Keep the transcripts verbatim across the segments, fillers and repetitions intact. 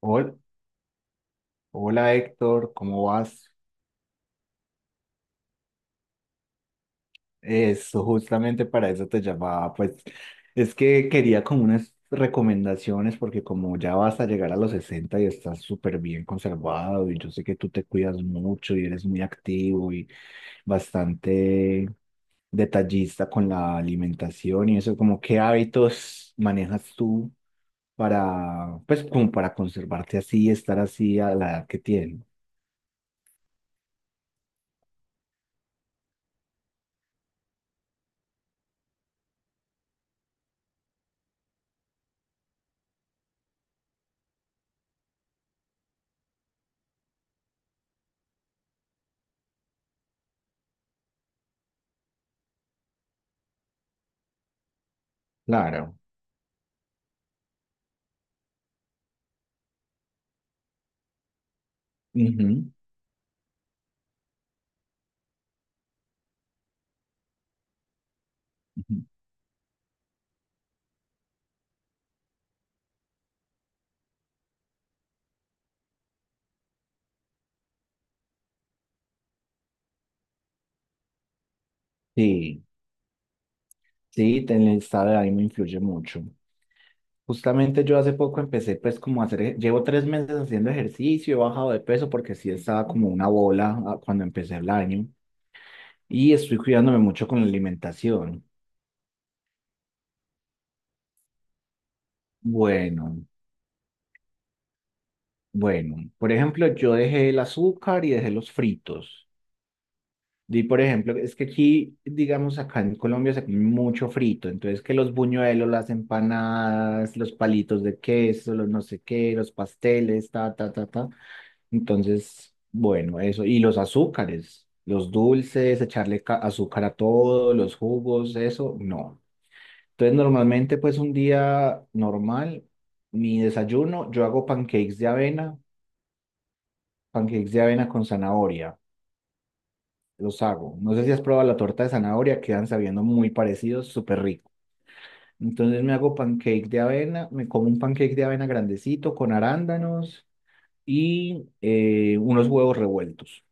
Hol- Hola Héctor, ¿cómo vas? Eso, justamente para eso te llamaba, pues es que quería como unas recomendaciones porque como ya vas a llegar a los sesenta y estás súper bien conservado y yo sé que tú te cuidas mucho y eres muy activo y bastante detallista con la alimentación y eso, como qué hábitos manejas tú para, pues como para conservarte así y estar así a la edad que tienes. Claro. Ujú. Sí, sí, ten- el estado de ánimo influye mucho. Justamente yo hace poco empecé pues como a hacer, ej- llevo tres meses haciendo ejercicio. He bajado de peso porque sí estaba como una bola ah, cuando empecé el año, y estoy cuidándome mucho con la alimentación. Bueno, bueno, por ejemplo, yo dejé el azúcar y dejé los fritos. Y por ejemplo, es que aquí, digamos, acá en Colombia se come mucho frito, entonces que los buñuelos, las empanadas, los palitos de queso, los no sé qué, los pasteles, ta, ta, ta, ta. Entonces, bueno, eso. Y los azúcares, los dulces, echarle ca- azúcar a todo, los jugos, eso, no. Entonces, normalmente, pues un día normal, mi desayuno, yo hago pancakes de avena, pancakes de avena con zanahoria. Los hago. No sé si has probado la torta de zanahoria, quedan sabiendo muy parecidos, súper rico. Entonces me hago pancake de avena, me como un pancake de avena grandecito con arándanos y eh, unos huevos revueltos.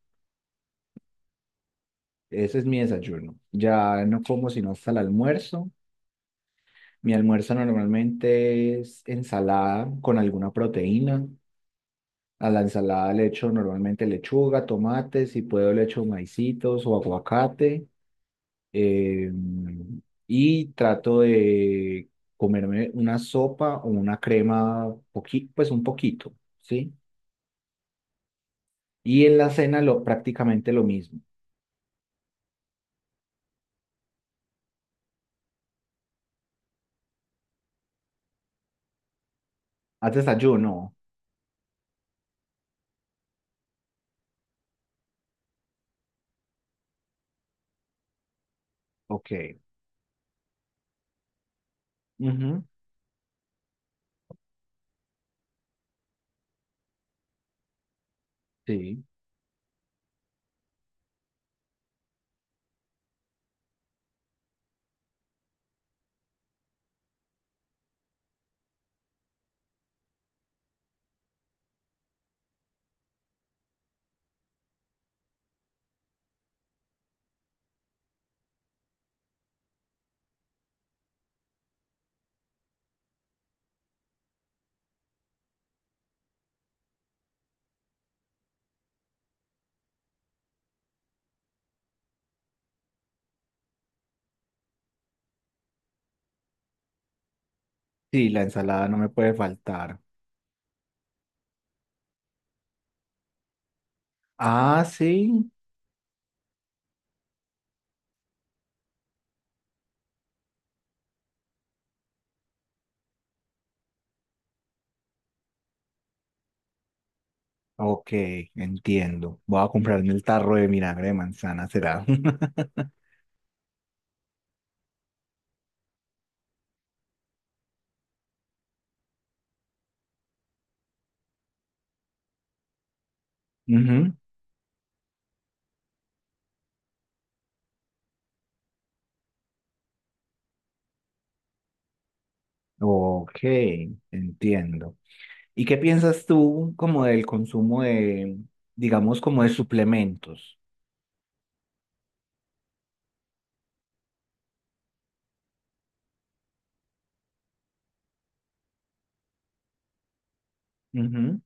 Ese es mi desayuno. Ya no como sino hasta el almuerzo. Mi almuerzo normalmente es ensalada con alguna proteína. A la ensalada le echo normalmente lechuga, tomates, si puedo le echo maicitos o aguacate. eh, y trato de comerme una sopa o una crema, poqui- pues un poquito, ¿sí? Y en la cena lo, prácticamente lo mismo. ¿Haz desayuno? Ok. Ujú. Sí, sí, la ensalada no me puede faltar. Ah, sí. Ok, entiendo. Voy a comprarme el tarro de vinagre de manzana, será. Ujú. Ok, entiendo. ¿Y qué piensas tú como del consumo de, digamos, como de suplementos? Ujú,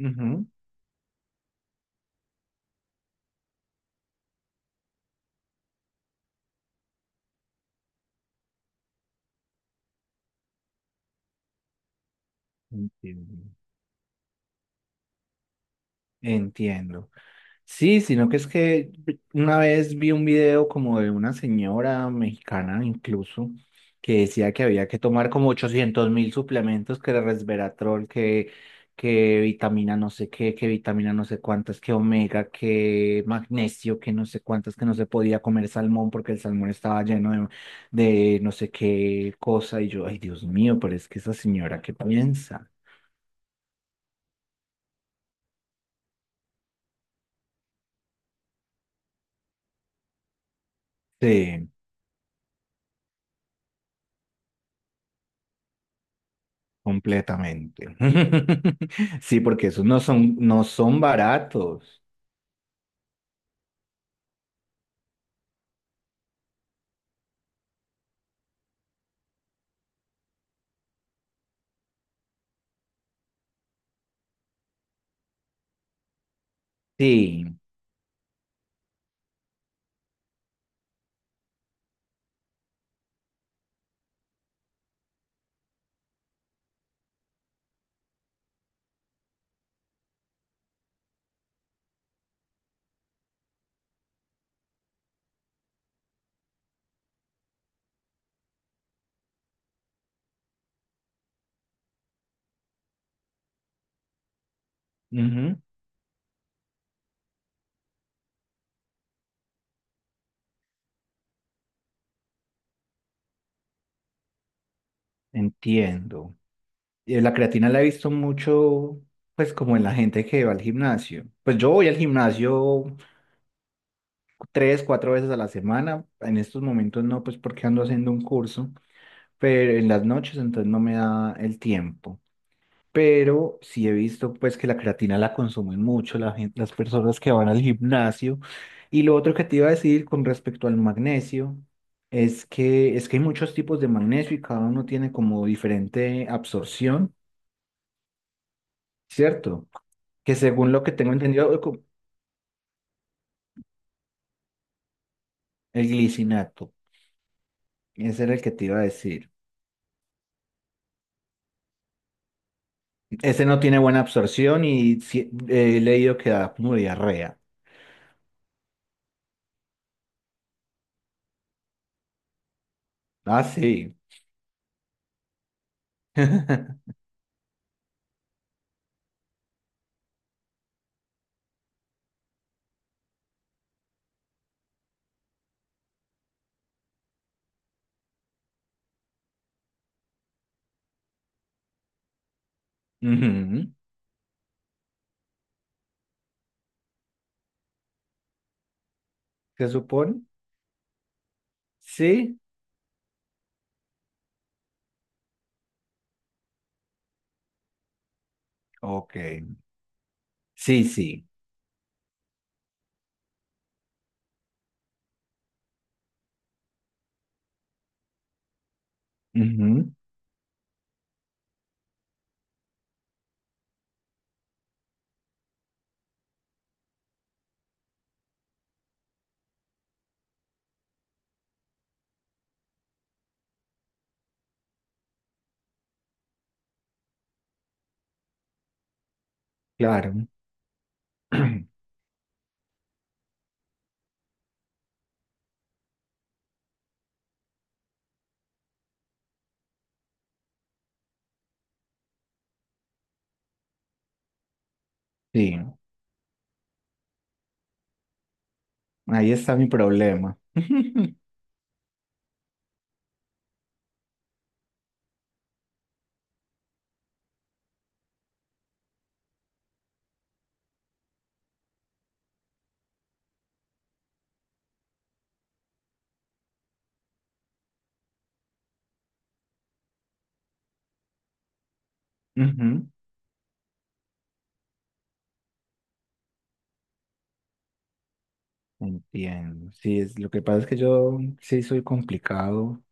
ujú. Entiendo. Entiendo. Sí, sino que es que una vez vi un video como de una señora mexicana incluso que decía que había que tomar como ochocientos mil suplementos, que era resveratrol, que, que, vitamina no sé qué, que vitamina no sé cuántas, que omega, que magnesio, que no sé cuántas, que no se podía comer salmón porque el salmón estaba lleno de, de no sé qué cosa. Y yo, ay Dios mío, pero es que esa señora, ¿qué piensa? Sí. Completamente. Sí, porque esos no son, no son baratos. Sí. Ujú. Entiendo. Y la creatina la he visto mucho, pues como en la gente que va al gimnasio. Pues yo voy al gimnasio tres, cuatro veces a la semana. En estos momentos no, pues porque ando haciendo un curso, pero en las noches entonces no me da el tiempo. Pero sí he visto pues que la creatina la consumen mucho la gen- las personas que van al gimnasio. Y lo otro que te iba a decir con respecto al magnesio es que es que hay muchos tipos de magnesio y cada uno tiene como diferente absorción, ¿cierto? Que según lo que tengo entendido, co- el glicinato, ese era el que te iba a decir. Ese no tiene buena absorción y sí- he leído que da como diarrea. Ah, sí. Ujú. ¿Se supone? Sí. Ok. Sí, sí. Ujú, claro. Sí, ahí está mi problema. Ujú. Entiendo. Sí, es, lo que pasa es que yo sí soy complicado.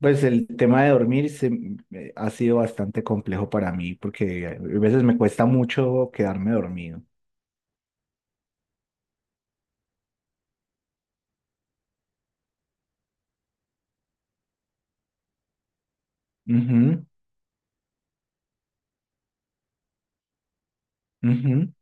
Pues el tema de dormir se, eh, ha sido bastante complejo para mí porque a veces me cuesta mucho quedarme dormido. Ujú, ujú,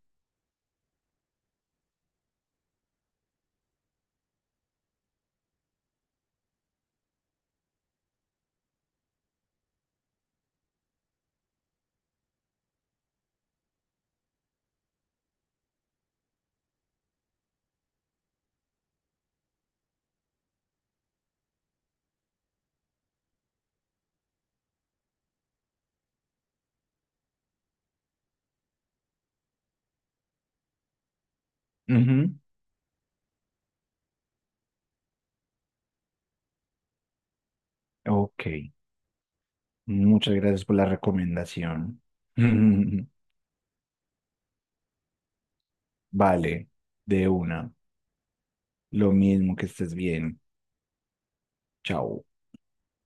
ujú. Ok, muchas gracias por la recomendación. Vale, de una. Lo mismo que estés bien. Chao.